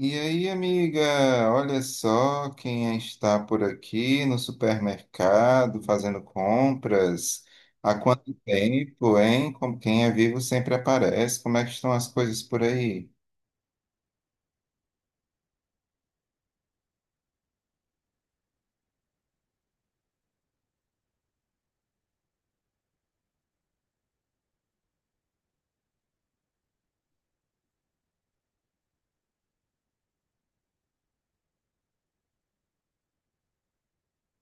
E aí, amiga, olha só quem está por aqui no supermercado fazendo compras. Há quanto tempo, hein? Como quem é vivo sempre aparece. Como é que estão as coisas por aí?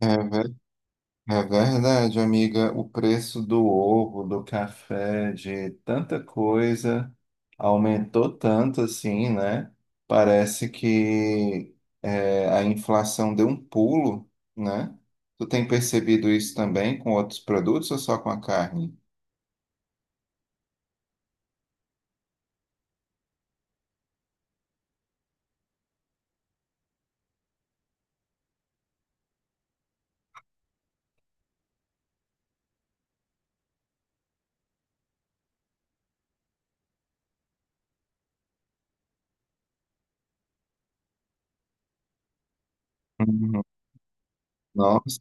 É. É verdade, amiga. O preço do ovo, do café, de tanta coisa aumentou tanto assim, né? Parece que a inflação deu um pulo, né? Tu tem percebido isso também com outros produtos ou só com a carne? Uhum. Nossa.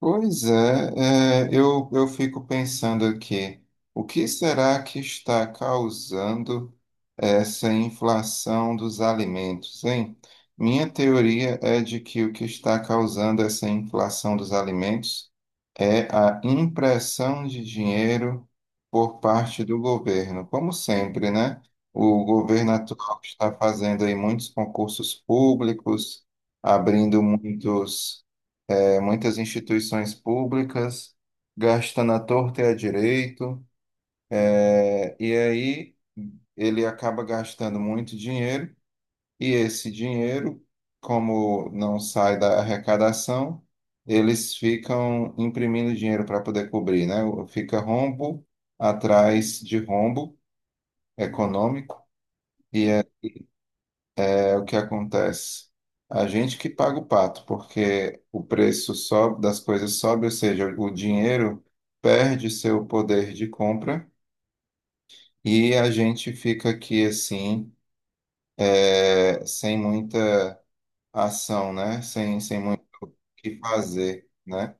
Pois é, eu fico pensando aqui, o que será que está causando essa inflação dos alimentos, hein? Minha teoria é de que o que está causando essa inflação dos alimentos é a impressão de dinheiro por parte do governo. Como sempre, né? O governo atual está fazendo aí muitos concursos públicos, abrindo muitos. É, muitas instituições públicas, gastam na torta e à direito, e aí ele acaba gastando muito dinheiro, e esse dinheiro, como não sai da arrecadação, eles ficam imprimindo dinheiro para poder cobrir, né? Fica rombo atrás de rombo econômico, e é o que acontece. A gente que paga o pato, porque o preço sobe, das coisas sobe, ou seja, o dinheiro perde seu poder de compra e a gente fica aqui assim, sem muita ação, né? Sem muito o que fazer, né?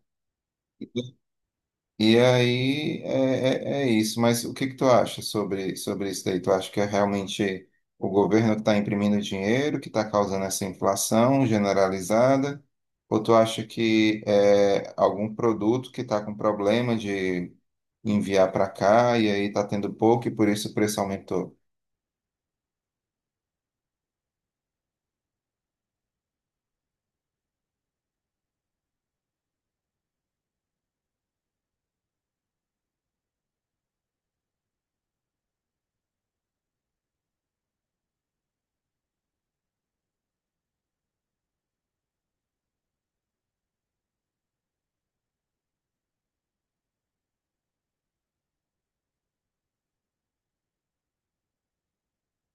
E aí é isso, mas o que que tu acha sobre isso daí? Tu acha que é realmente o governo que está imprimindo dinheiro, que está causando essa inflação generalizada? Ou tu acha que é algum produto que está com problema de enviar para cá e aí está tendo pouco e por isso o preço aumentou?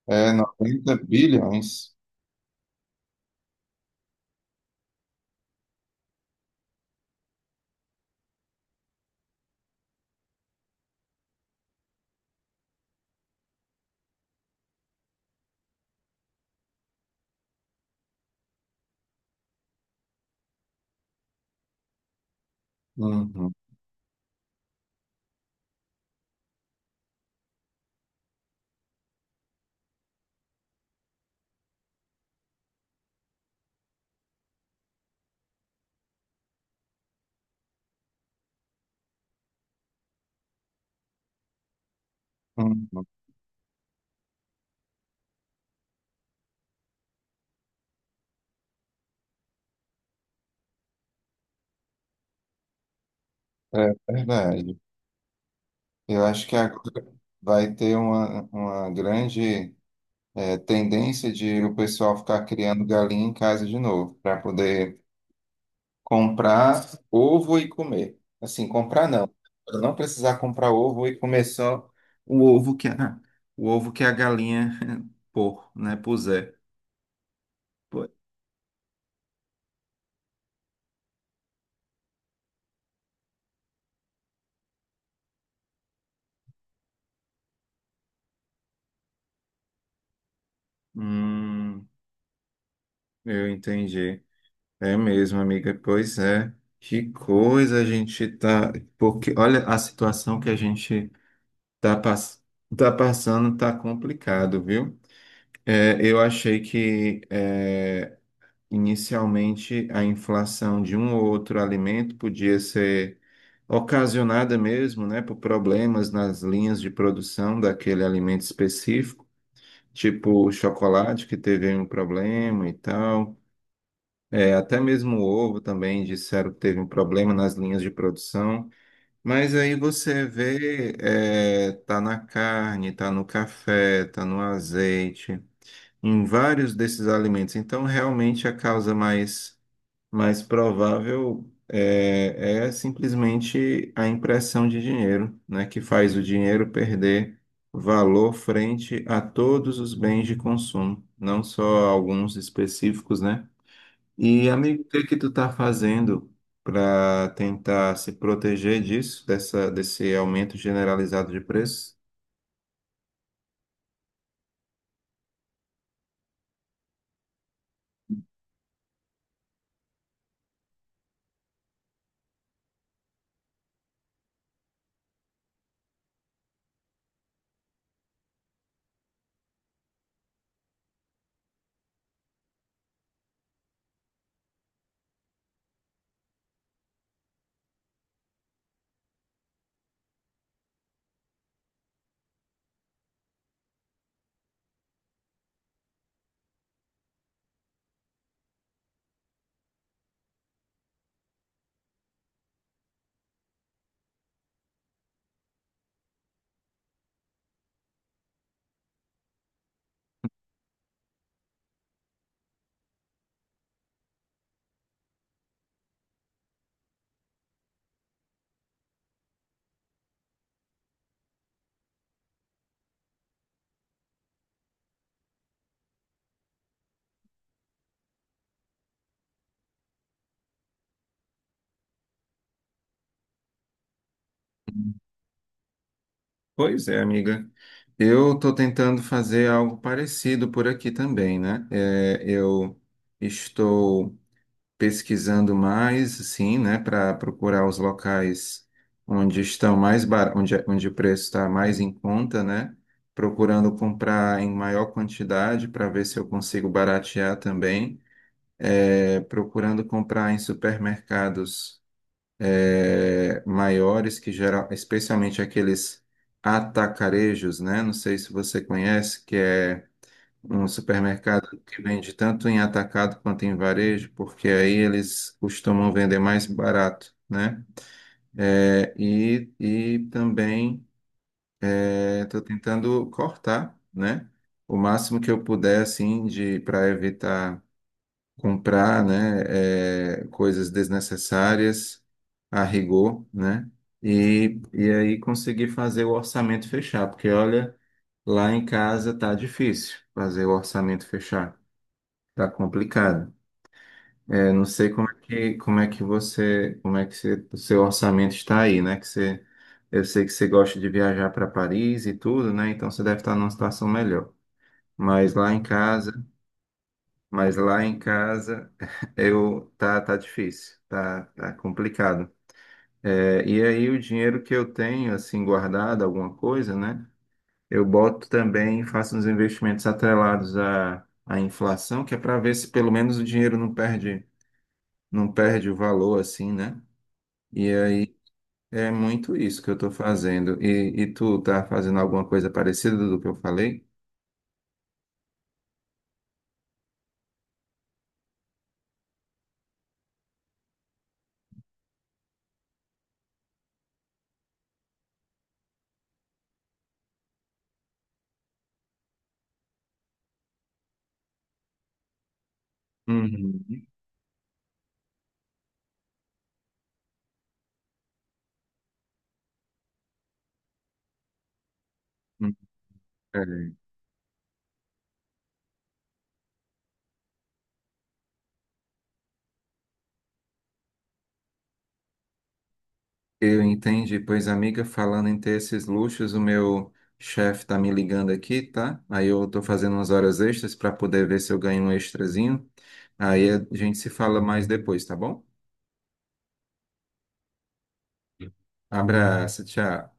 É 90 bilhões? Uhum, uhum. É verdade. Eu acho que agora vai ter uma grande tendência de o pessoal ficar criando galinha em casa de novo, para poder comprar ovo e comer. Assim, comprar não. Pra não precisar comprar ovo e comer só o ovo que a, o ovo que a galinha pôr, né, puser. Pô. Hum, eu entendi. É mesmo, amiga. Pois é. Que coisa a gente tá. Porque olha a situação que a gente tá, tá passando, tá complicado, viu? Eu achei que inicialmente a inflação de um ou outro alimento podia ser ocasionada mesmo, né, por problemas nas linhas de produção daquele alimento específico, tipo o chocolate que teve um problema e tal. É, até mesmo o ovo também disseram que teve um problema nas linhas de produção. Mas aí você vê, tá na carne, tá no café, tá no azeite em vários desses alimentos. Então, realmente, mais provável é simplesmente a impressão de dinheiro, né, que faz o dinheiro perder valor frente a todos os bens de consumo, não só alguns específicos, né? E, amigo, o que que tu tá fazendo para tentar se proteger desse aumento generalizado de preços? Pois é, amiga. Eu estou tentando fazer algo parecido por aqui também, né? É, eu estou pesquisando mais, sim, né, para procurar os locais onde estão onde, onde o preço está mais em conta, né? Procurando comprar em maior quantidade para ver se eu consigo baratear também. É, procurando comprar em supermercados maiores que geral, especialmente aqueles atacarejos, né? Não sei se você conhece, que é um supermercado que vende tanto em atacado quanto em varejo, porque aí eles costumam vender mais barato, né? É, e também estou tentando cortar, né? O máximo que eu puder, assim, de para evitar comprar, né, coisas desnecessárias a rigor, né, e aí conseguir fazer o orçamento fechar, porque olha, lá em casa tá difícil fazer o orçamento fechar, tá complicado. É, não sei como é que você, o seu orçamento está aí, né, que você, eu sei que você gosta de viajar para Paris e tudo, né, então você deve estar numa situação melhor. Mas lá em casa Mas lá em casa eu tá tá difícil, tá, tá complicado. É, e aí o dinheiro que eu tenho assim guardado, alguma coisa, né? Eu boto também, faço uns investimentos atrelados à inflação, que é para ver se pelo menos o dinheiro não perde o valor assim, né? E aí é muito isso que eu estou fazendo. E tu tá fazendo alguma coisa parecida do que eu falei? Uhum. Eu entendi, pois amiga, falando em ter esses luxos, o meu chefe tá me ligando aqui, tá? Aí eu tô fazendo umas horas extras para poder ver se eu ganho um extrazinho. Aí a gente se fala mais depois, tá bom? Abraço, tchau.